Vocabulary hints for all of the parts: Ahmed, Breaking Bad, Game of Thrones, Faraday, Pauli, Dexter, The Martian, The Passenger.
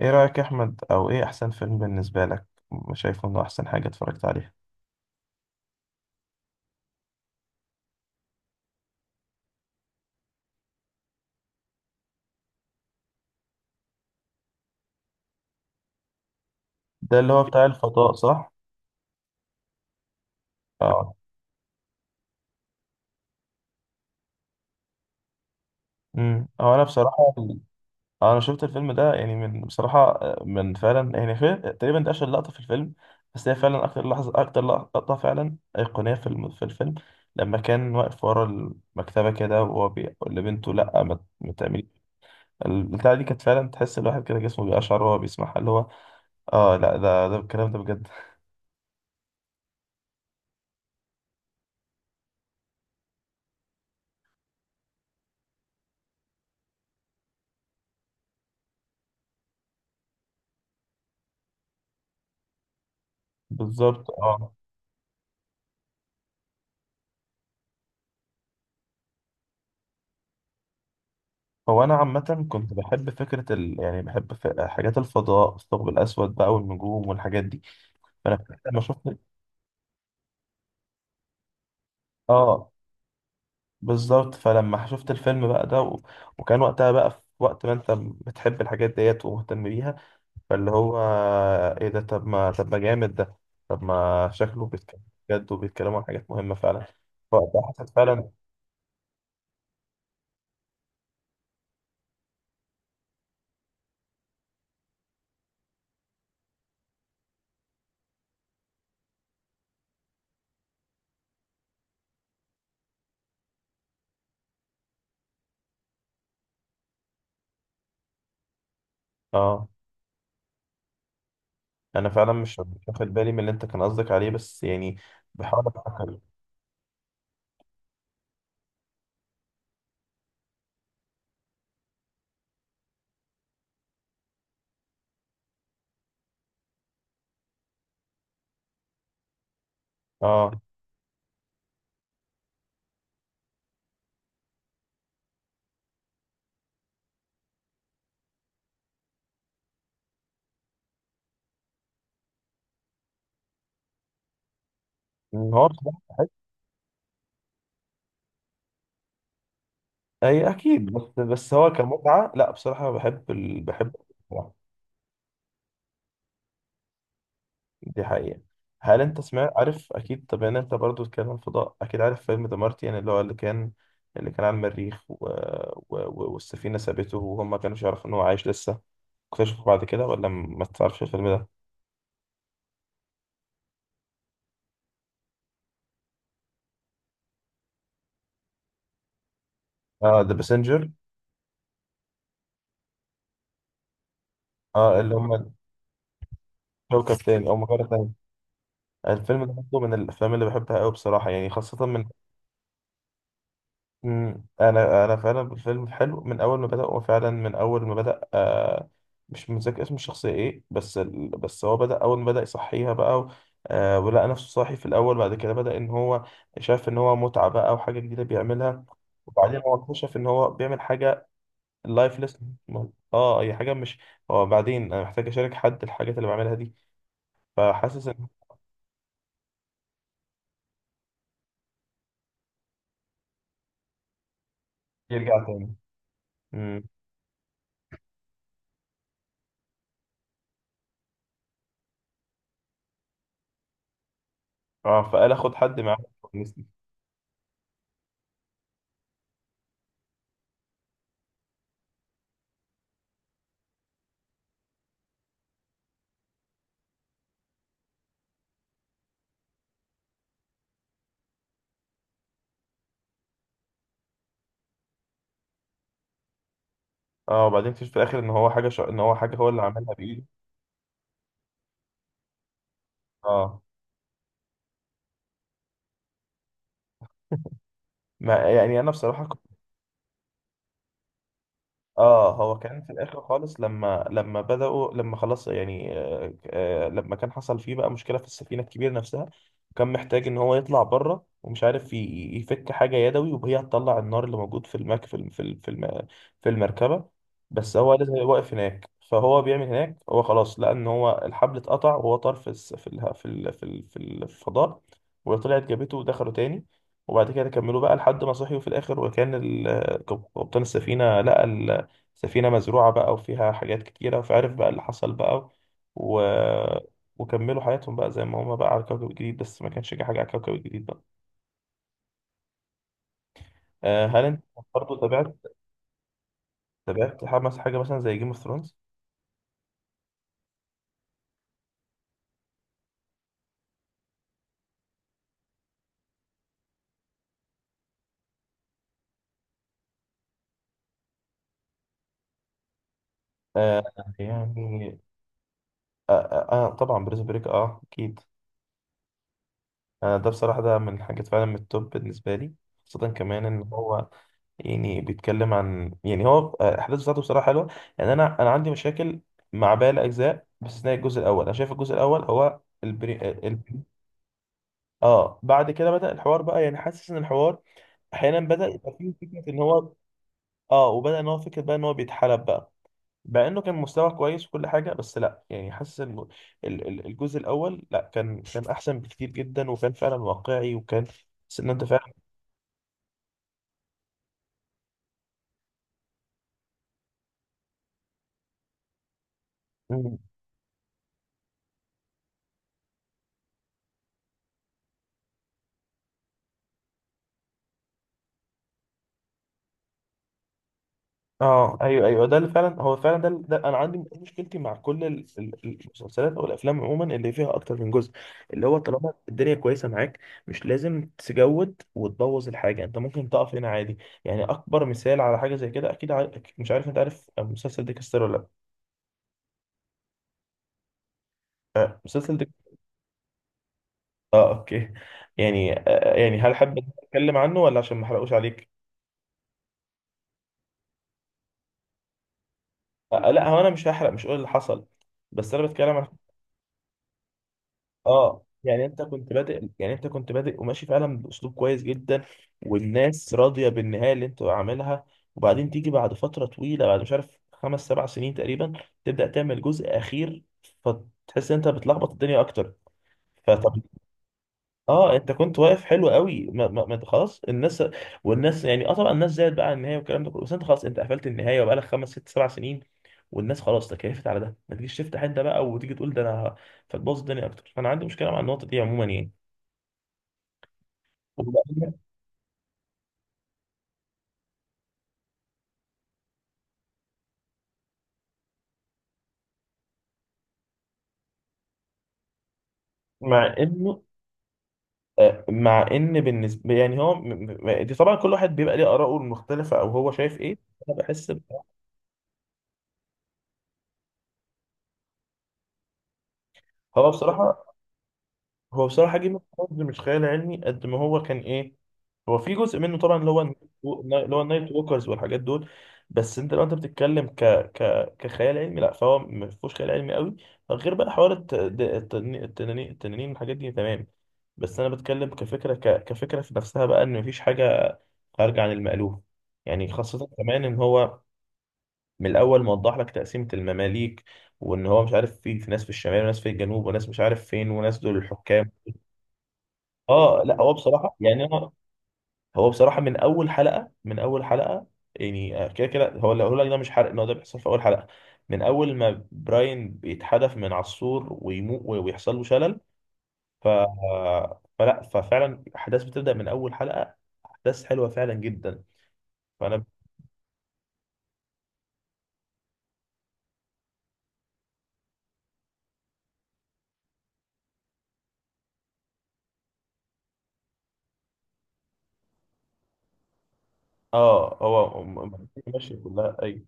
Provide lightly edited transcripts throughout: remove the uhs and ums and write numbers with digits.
ايه رأيك يا احمد او ايه احسن فيلم بالنسبة لك؟ شايفه انه احسن حاجة اتفرجت عليها؟ ده اللي هو بتاع الفضاء صح؟ اه، هو انا بصراحة. انا شفت الفيلم ده يعني من بصراحة، من فعلا يعني في تقريبا ده اشهر لقطة في الفيلم. بس هي فعلا اكتر لحظة اكتر لقطة فعلا أيقونية في الفيلم، لما كان واقف ورا المكتبة كده وهو بيقول لبنته لا ما تعملي البتاعة دي. كانت فعلا تحس الواحد كده جسمه بيقشعر وهو بيسمعها اللي هو. اه لا، ده الكلام ده بجد. بالظبط اه. هو انا عامه كنت بحب فكره يعني بحب حاجات الفضاء، الثقب الاسود بقى والنجوم والحاجات دي. فانا لما شفت. اه. بالظبط. فلما شفت الفيلم بقى ده. وكان وقتها بقى في وقت ما انت بتحب الحاجات ديت ومهتم بيها. فاللي هو ايه ده؟ طب ما جامد ده. طب ما شكله بيتكلم بجد وبيتكلموا عن حاجات مهمه فعلا. فوقتها حسيت فعلا. اه. انا فعلا مش واخد بالي من اللي انت كان قصدك عليه، بس يعني بحاول افكر. اه. هو اي اكيد، بس هو كمتعه، لا بصراحه بحب بحب الفضاء. دي حقيقه. هل انت سمعت، عارف اكيد، طب يعني انت برضو بتتكلم فضاء، اكيد عارف فيلم ذا مارتيان، اللي هو اللي كان، اللي كان على المريخ والسفينه سابته وهم ما كانوش يعرفوا ان هو عايش لسه، اكتشفوا بعد كده ولا ما تعرفش الفيلم ده؟ اه، ذا باسنجر. اه اللي هم كوكب تاني او مجرة تاني. الفيلم ده برضه من الافلام اللي بحبها قوي بصراحه، يعني خاصه من. مم. انا فعلا الفيلم حلو من اول ما بدأ، هو فعلا من اول ما بدأ. آه، مش متذكر اسم الشخصية ايه، بس هو بدأ اول ما بدأ يصحيها بقى آه، ولقى نفسه صاحي في الاول. بعد كده بدأ ان هو شاف ان هو متعة بقى وحاجة جديدة بيعملها. وبعدين هو اكتشف ان هو بيعمل حاجة لايفلس. اه، هي حاجة مش. هو بعدين انا محتاج اشارك حد الحاجات اللي بعملها دي. فحاسس ان يرجع تاني. مم. اه، فقال اخد حد معاه. اه وبعدين اكتشف في الاخر ان هو ان هو حاجه هو اللي عملها بايده. اه. ما يعني انا بصراحه. اه، هو كان في الاخر خالص، لما بدأوا، لما خلاص يعني، لما كان حصل فيه بقى مشكلة في السفينة الكبيرة نفسها. كان محتاج ان هو يطلع بره ومش عارف يفك حاجة يدوي وهي هتطلع النار اللي موجود في المك في الم- في الم- في الم- في المركبة. بس هو لازم يبقى واقف هناك، فهو بيعمل هناك. هو خلاص لقى ان هو الحبل اتقطع وهو طار في الس- في اله- في ال- في ال- في الفضاء. وطلعت جابته ودخلوا تاني. وبعد كده كملوا بقى لحد ما صحيوا في الاخر، كابتن السفينة لقى سفينة مزروعة بقى وفيها حاجات كتيرة، فعرف بقى اللي حصل بقى و... وكملوا حياتهم بقى زي ما هما بقى على كوكب الجليد، بس ما كانش جه حاجة على كوكب الجليد بقى. آه. هل انت برضه تابعت، تابعت حماس حاجة مثلا زي جيم اوف ثرونز؟ آه يعني، طبعا بريز بريك اه اكيد. آه، ده بصراحة ده من الحاجات فعلا من التوب بالنسبة لي، خاصة كمان ان هو يعني بيتكلم عن، يعني هو الاحداث بتاعته بصراحه حلوه. يعني انا عندي مشاكل مع باقي الاجزاء باستثناء الجزء الاول. انا شايف الجزء الاول هو اه. بعد كده بدأ الحوار بقى، يعني حاسس ان الحوار احيانا بدأ يبقى فيه فكره ان هو، اه، وبدأ ان هو فكره بقى ان هو بيتحلب بقى. مع انه كان مستوى كويس وكل حاجه، بس لا يعني حاسس ان الجزء الاول، لا كان كان احسن بكتير جدا وكان فعلا واقعي وكان حاسس ان انت فعلا. إمم، اه ايوه ايوه، ده اللي فعلا هو فعلا ده، ده انا عندي دي مشكلتي مع كل المسلسلات او الافلام عموما اللي فيها اكتر من جزء. اللي هو طالما الدنيا كويسه معاك، مش لازم تجود وتبوظ الحاجه. انت ممكن تقف هنا عادي. يعني اكبر مثال على حاجه زي كده، اكيد عارف، مش عارف انت عارف مسلسل ديكستر ولا لا؟ آه، مسلسل ديك. اه اوكي. يعني آه، يعني هل حابب اتكلم عنه ولا عشان ما احرقوش عليك؟ آه لا، هو انا مش هحرق، مش هقول اللي حصل، بس انا بتكلم عن. اه. يعني انت كنت بادئ، يعني انت كنت بادئ وماشي فعلا باسلوب كويس جدا، والناس راضيه بالنهايه اللي انت عاملها. وبعدين تيجي بعد فتره طويله، بعد مش عارف خمس سبع سنين تقريبا، تبدا تعمل جزء اخير، فتحس ان انت بتلخبط الدنيا اكتر. فطب. اه، انت كنت واقف حلو قوي، ما انت خلاص الناس، والناس يعني، اه طبعا الناس زعلت بقى على النهايه والكلام ده كله، بس انت خلاص انت قفلت النهايه وبقالك خمس ست سبع سنين والناس خلاص تكيفت على ده. ما تجيش تفتح انت بقى وتيجي تقول ده انا فتبوظ الدنيا اكتر. فانا عندي مشكله مع النقطه دي عموما يعني. ومع إن- مع انه، مع ان بالنسبه يعني دي طبعا كل واحد بيبقى ليه اراءه المختلفه او هو شايف ايه. انا هو بصراحه، هو بصراحة جيم اوف ثرونز مش خيال علمي قد ما هو كان ايه. هو في جزء منه طبعا اللي هو، اللي هو النايت ووكرز والحاجات دول. بس انت لو انت بتتكلم ك ك كخيال علمي، لا، فهو ما فيهوش خيال علمي قوي غير بقى حوار الت- د- التنين التنانين التنانين والحاجات دي، تمام. بس انا بتكلم كفكرة، كفكرة في نفسها بقى، ان مفيش حاجة خارجة عن المألوف. يعني خاصة كمان ان هو من الاول موضح لك تقسيمة المماليك، وان هو مش عارف في ناس في الشمال وناس في الجنوب وناس مش عارف فين وناس دول الحكام. اه لا هو بصراحه يعني انا، هو بصراحه من اول حلقه، يعني آه، كده كده هو اللي هقول لك ده مش حرق ان هو ده بيحصل في اول حلقه، من اول ما براين بيتحدف من على السور ويموت ويحصل له شلل. ف... فلا، ففعلا الاحداث بتبدا من اول حلقه، احداث حلوه فعلا جدا. فانا. اه هو ماشي كلها اي.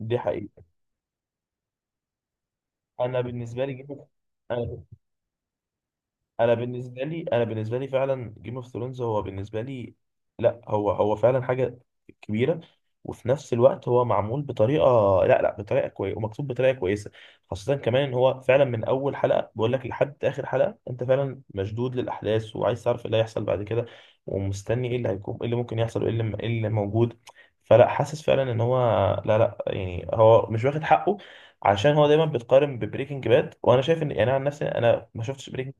دي حقيقه. انا بالنسبه لي جيم اوف انا بالنسبه لي فعلا جيم اوف ثرونز هو بالنسبه لي. لا، هو هو فعلا حاجه كبيره، وفي نفس الوقت هو معمول بطريقه، لا بطريقه كويسه ومكتوب بطريقه كويسه. خاصه كمان ان هو فعلا من اول حلقه بقول لك لحد اخر حلقه، انت فعلا مشدود للاحداث وعايز تعرف ايه اللي هيحصل بعد كده، ومستني ايه اللي هيكون، ايه اللي ممكن يحصل، وايه اللي ايه اللي موجود. فلا حاسس فعلا ان هو، لا يعني هو مش واخد حقه، عشان هو دايما بيتقارن ببريكنج باد. وانا شايف ان يعني انا عن نفسي انا ما شفتش بريكنج.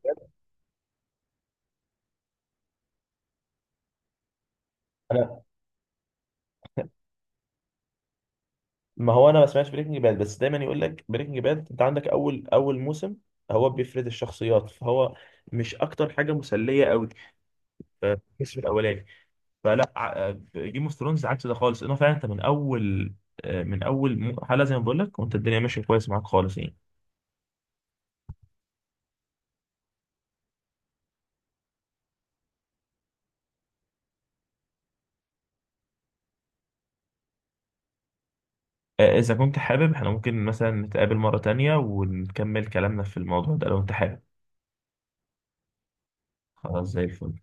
ما هو انا ما سمعتش بريكنج باد، بس دايما يقول لك بريكنج باد انت عندك اول موسم، هو بيفرد الشخصيات، فهو مش اكتر حاجه مسليه قوي الكسر الاولاني. فلا جيم اوف ثرونز عكس ده خالص، انه فعلا انت من اول، آه، من اول حلقه، زي ما بقول لك، وانت الدنيا ماشيه كويس معاك خالص يعني. آه، اذا كنت حابب احنا ممكن مثلا نتقابل مره تانية ونكمل كلامنا في الموضوع ده لو انت حابب. خلاص زي الفل.